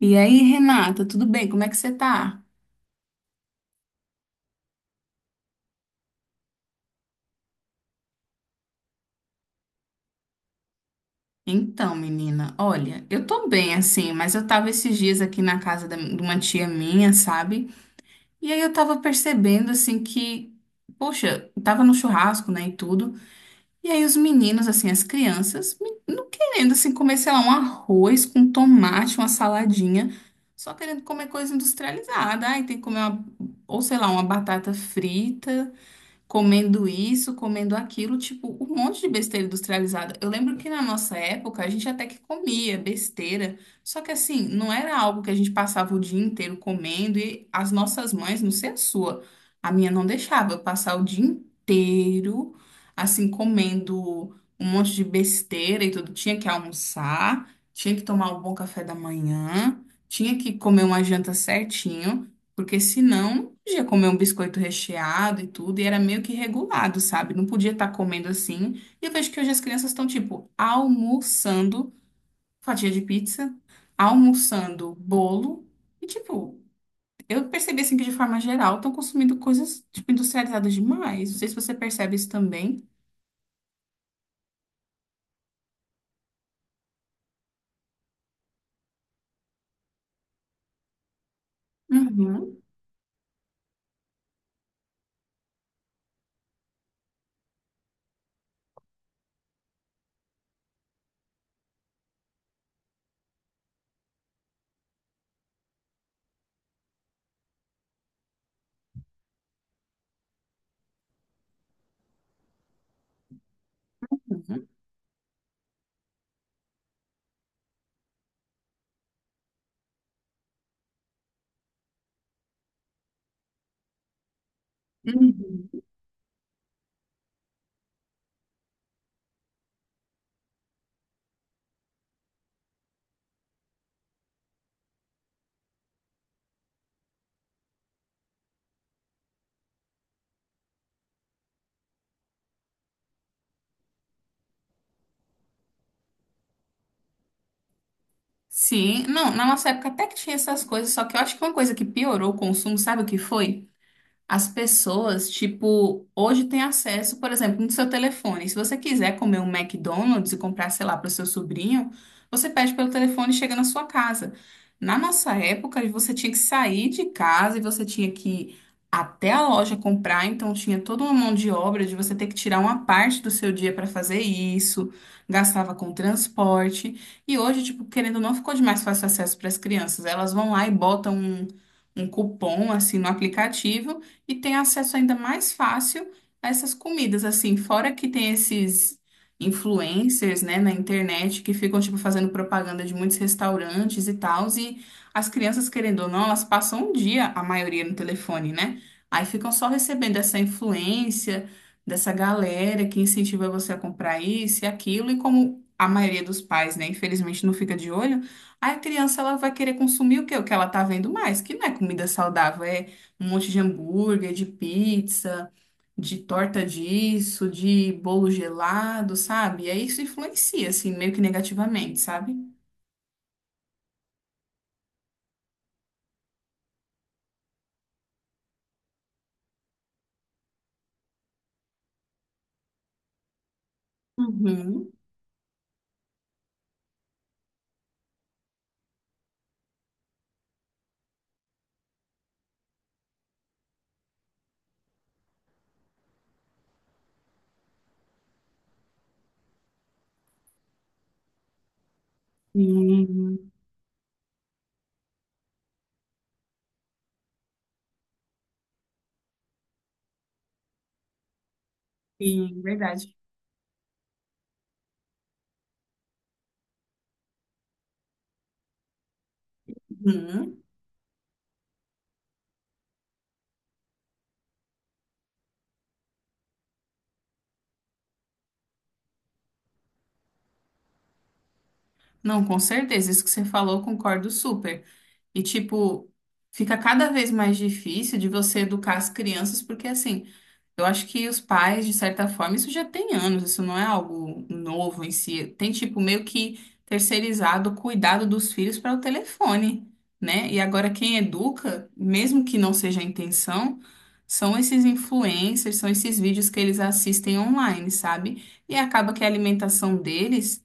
E aí, Renata, tudo bem? Como é que você tá? Então, menina, olha, eu tô bem assim, mas eu tava esses dias aqui de uma tia minha, sabe? E aí eu tava percebendo assim que, poxa, eu tava no churrasco, né, e tudo. E aí os meninos, assim, as crianças, não querendo assim comer, sei lá, um arroz com tomate, uma saladinha, só querendo comer coisa industrializada. Ai, tem que comer uma, ou sei lá, uma batata frita. Comendo isso, comendo aquilo, tipo, um monte de besteira industrializada. Eu lembro que na nossa época a gente até que comia besteira, só que assim, não era algo que a gente passava o dia inteiro comendo e as nossas mães, não sei a sua, a minha não deixava eu passar o dia inteiro assim comendo um monte de besteira e tudo, tinha que almoçar, tinha que tomar um bom café da manhã, tinha que comer uma janta certinho. Porque senão ia comer um biscoito recheado e tudo, e era meio que regulado, sabe? Não podia estar comendo assim. E eu vejo que hoje as crianças estão, tipo, almoçando fatia de pizza, almoçando bolo, e, tipo, eu percebi assim que de forma geral estão consumindo coisas, tipo, industrializadas demais. Não sei se você percebe isso também. Uhum. Uhum, uhum. Sim, não, na nossa época até que tinha essas coisas, só que eu acho que uma coisa que piorou o consumo, sabe o que foi? As pessoas, tipo, hoje têm acesso, por exemplo, no seu telefone. Se você quiser comer um McDonald's e comprar, sei lá, para o seu sobrinho, você pede pelo telefone e chega na sua casa. Na nossa época, você tinha que sair de casa e você tinha que ir até a loja comprar, então tinha toda uma mão de obra de você ter que tirar uma parte do seu dia para fazer isso, gastava com transporte. E hoje, tipo, querendo ou não, ficou de mais fácil acesso para as crianças. Elas vão lá e botam um cupom assim no aplicativo e tem acesso ainda mais fácil a essas comidas, assim, fora que tem esses influencers, né, na internet que ficam, tipo, fazendo propaganda de muitos restaurantes e tal, e as crianças, querendo ou não, elas passam um dia, a maioria, no telefone, né? Aí ficam só recebendo essa influência dessa galera que incentiva você a comprar isso e aquilo, e como a maioria dos pais, né, infelizmente não fica de olho, aí a criança, ela vai querer consumir o quê? O que ela tá vendo mais, que não é comida saudável, é um monte de hambúrguer, de pizza, de torta disso, de bolo gelado, sabe? E aí isso influencia, assim, meio que negativamente, sabe? Uhum. Sim, sim, verdade. Uhum. Não, com certeza, isso que você falou, eu concordo super. E, tipo, fica cada vez mais difícil de você educar as crianças, porque, assim, eu acho que os pais, de certa forma, isso já tem anos, isso não é algo novo em si. Tem, tipo, meio que terceirizado o cuidado dos filhos para o telefone, né? E agora quem educa, mesmo que não seja a intenção, são esses influencers, são esses vídeos que eles assistem online, sabe? E acaba que a alimentação deles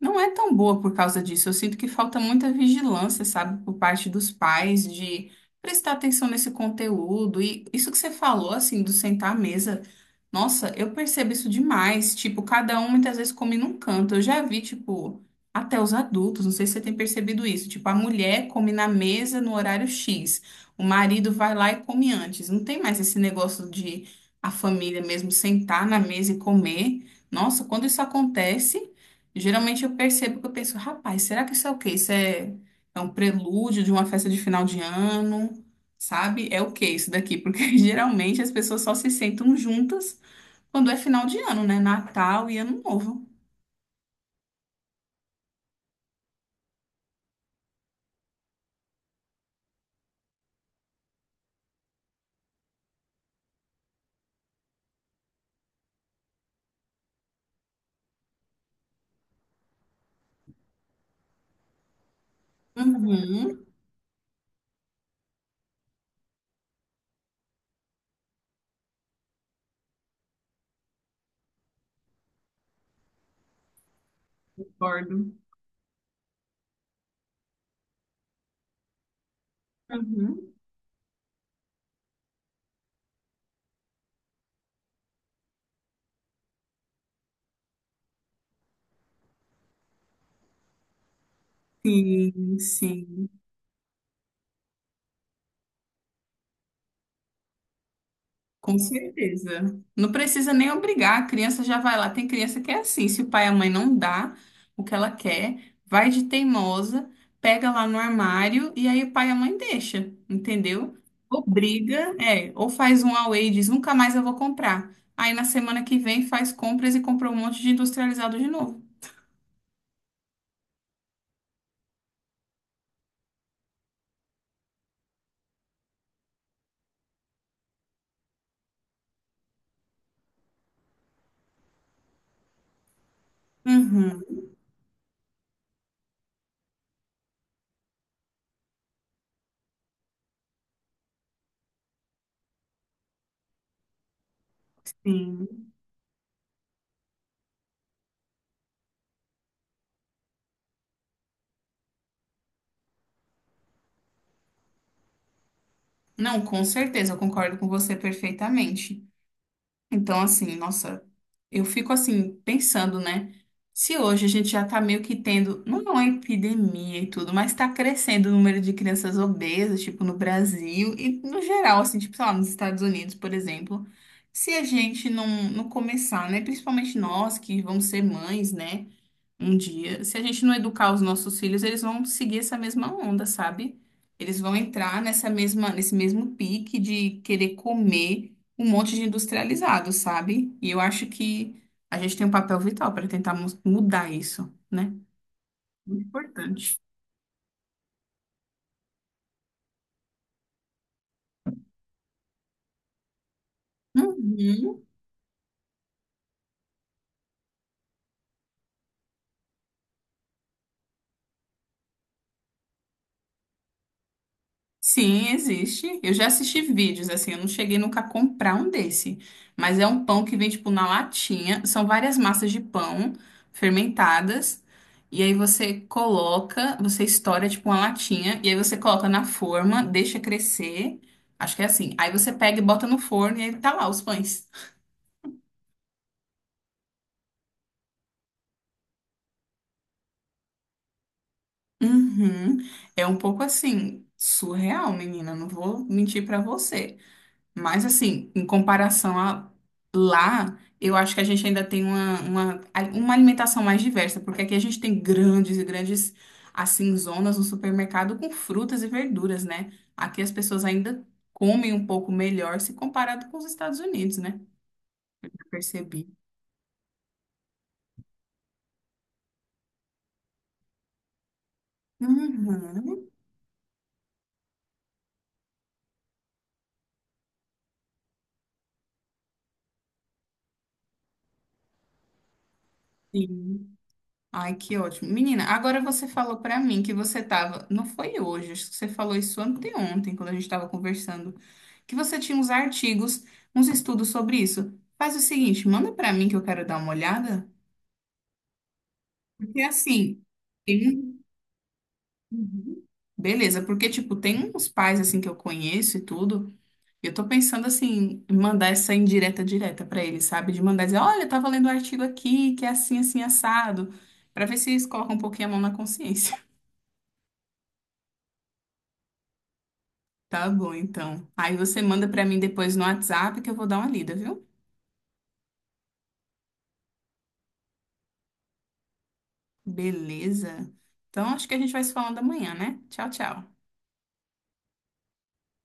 não é tão boa por causa disso. Eu sinto que falta muita vigilância, sabe, por parte dos pais de prestar atenção nesse conteúdo. E isso que você falou, assim, do sentar à mesa, nossa, eu percebo isso demais. Tipo, cada um muitas vezes come num canto. Eu já vi, tipo, até os adultos, não sei se você tem percebido isso. Tipo, a mulher come na mesa no horário X, o marido vai lá e come antes. Não tem mais esse negócio de a família mesmo sentar na mesa e comer. Nossa, quando isso acontece. Geralmente eu percebo que eu penso, rapaz, será que isso é o quê? Isso é, é um prelúdio de uma festa de final de ano, sabe? É o quê isso daqui? Porque geralmente as pessoas só se sentam juntas quando é final de ano, né? Natal e Ano Novo. Uhum, concordo. Uhum. Sim, sim. Com certeza. Não precisa nem obrigar, a criança já vai lá. Tem criança que é assim, se o pai e a mãe não dá o que ela quer, vai de teimosa, pega lá no armário e aí o pai e a mãe deixa, entendeu? Obriga, é, ou faz um away e diz, nunca mais eu vou comprar. Aí na semana que vem faz compras e compra um monte de industrializado de novo. Uhum, sim. Não, com certeza, eu concordo com você perfeitamente. Então, assim, nossa, eu fico assim, pensando, né? Se hoje a gente já tá meio que tendo, não é uma epidemia e tudo, mas tá crescendo o número de crianças obesas, tipo, no Brasil e no geral, assim, tipo, sei lá, nos Estados Unidos, por exemplo. Se a gente não, não começar, né? Principalmente nós que vamos ser mães, né? Um dia. Se a gente não educar os nossos filhos, eles vão seguir essa mesma onda, sabe? Eles vão entrar nessa mesma, nesse mesmo pique de querer comer um monte de industrializado, sabe? E eu acho que a gente tem um papel vital para tentar mudar isso, né? Muito importante. Uhum. Sim, existe. Eu já assisti vídeos, assim, eu não cheguei nunca a comprar um desse. Mas é um pão que vem, tipo, na latinha. São várias massas de pão fermentadas. E aí você coloca, você estoura, tipo, uma latinha. E aí você coloca na forma, deixa crescer. Acho que é assim. Aí você pega e bota no forno e aí tá lá os pães. Uhum. É um pouco assim, surreal, menina. Não vou mentir pra você. Mas assim, em comparação a lá, eu acho que a gente ainda tem uma alimentação mais diversa, porque aqui a gente tem grandes e grandes, assim, zonas no supermercado com frutas e verduras, né? Aqui as pessoas ainda comem um pouco melhor se comparado com os Estados Unidos, né? Eu percebi. Uhum. Sim. Ai, que ótimo. Menina, agora você falou pra mim que você tava, não foi hoje, acho que você falou isso anteontem, quando a gente tava conversando, que você tinha uns artigos, uns estudos sobre isso. Faz o seguinte, manda pra mim que eu quero dar uma olhada, porque assim, tem... um, Uhum. Beleza, porque tipo, tem uns pais assim que eu conheço e tudo, e eu tô pensando assim, em mandar essa indireta direta pra eles, sabe? De mandar dizer, olha, eu tava lendo um artigo aqui, que é assim, assim, assado, pra ver se eles colocam um pouquinho a mão na consciência. Tá bom, então. Aí você manda pra mim depois no WhatsApp que eu vou dar uma lida, viu? Beleza. Então acho que a gente vai se falando amanhã, né? Tchau, tchau.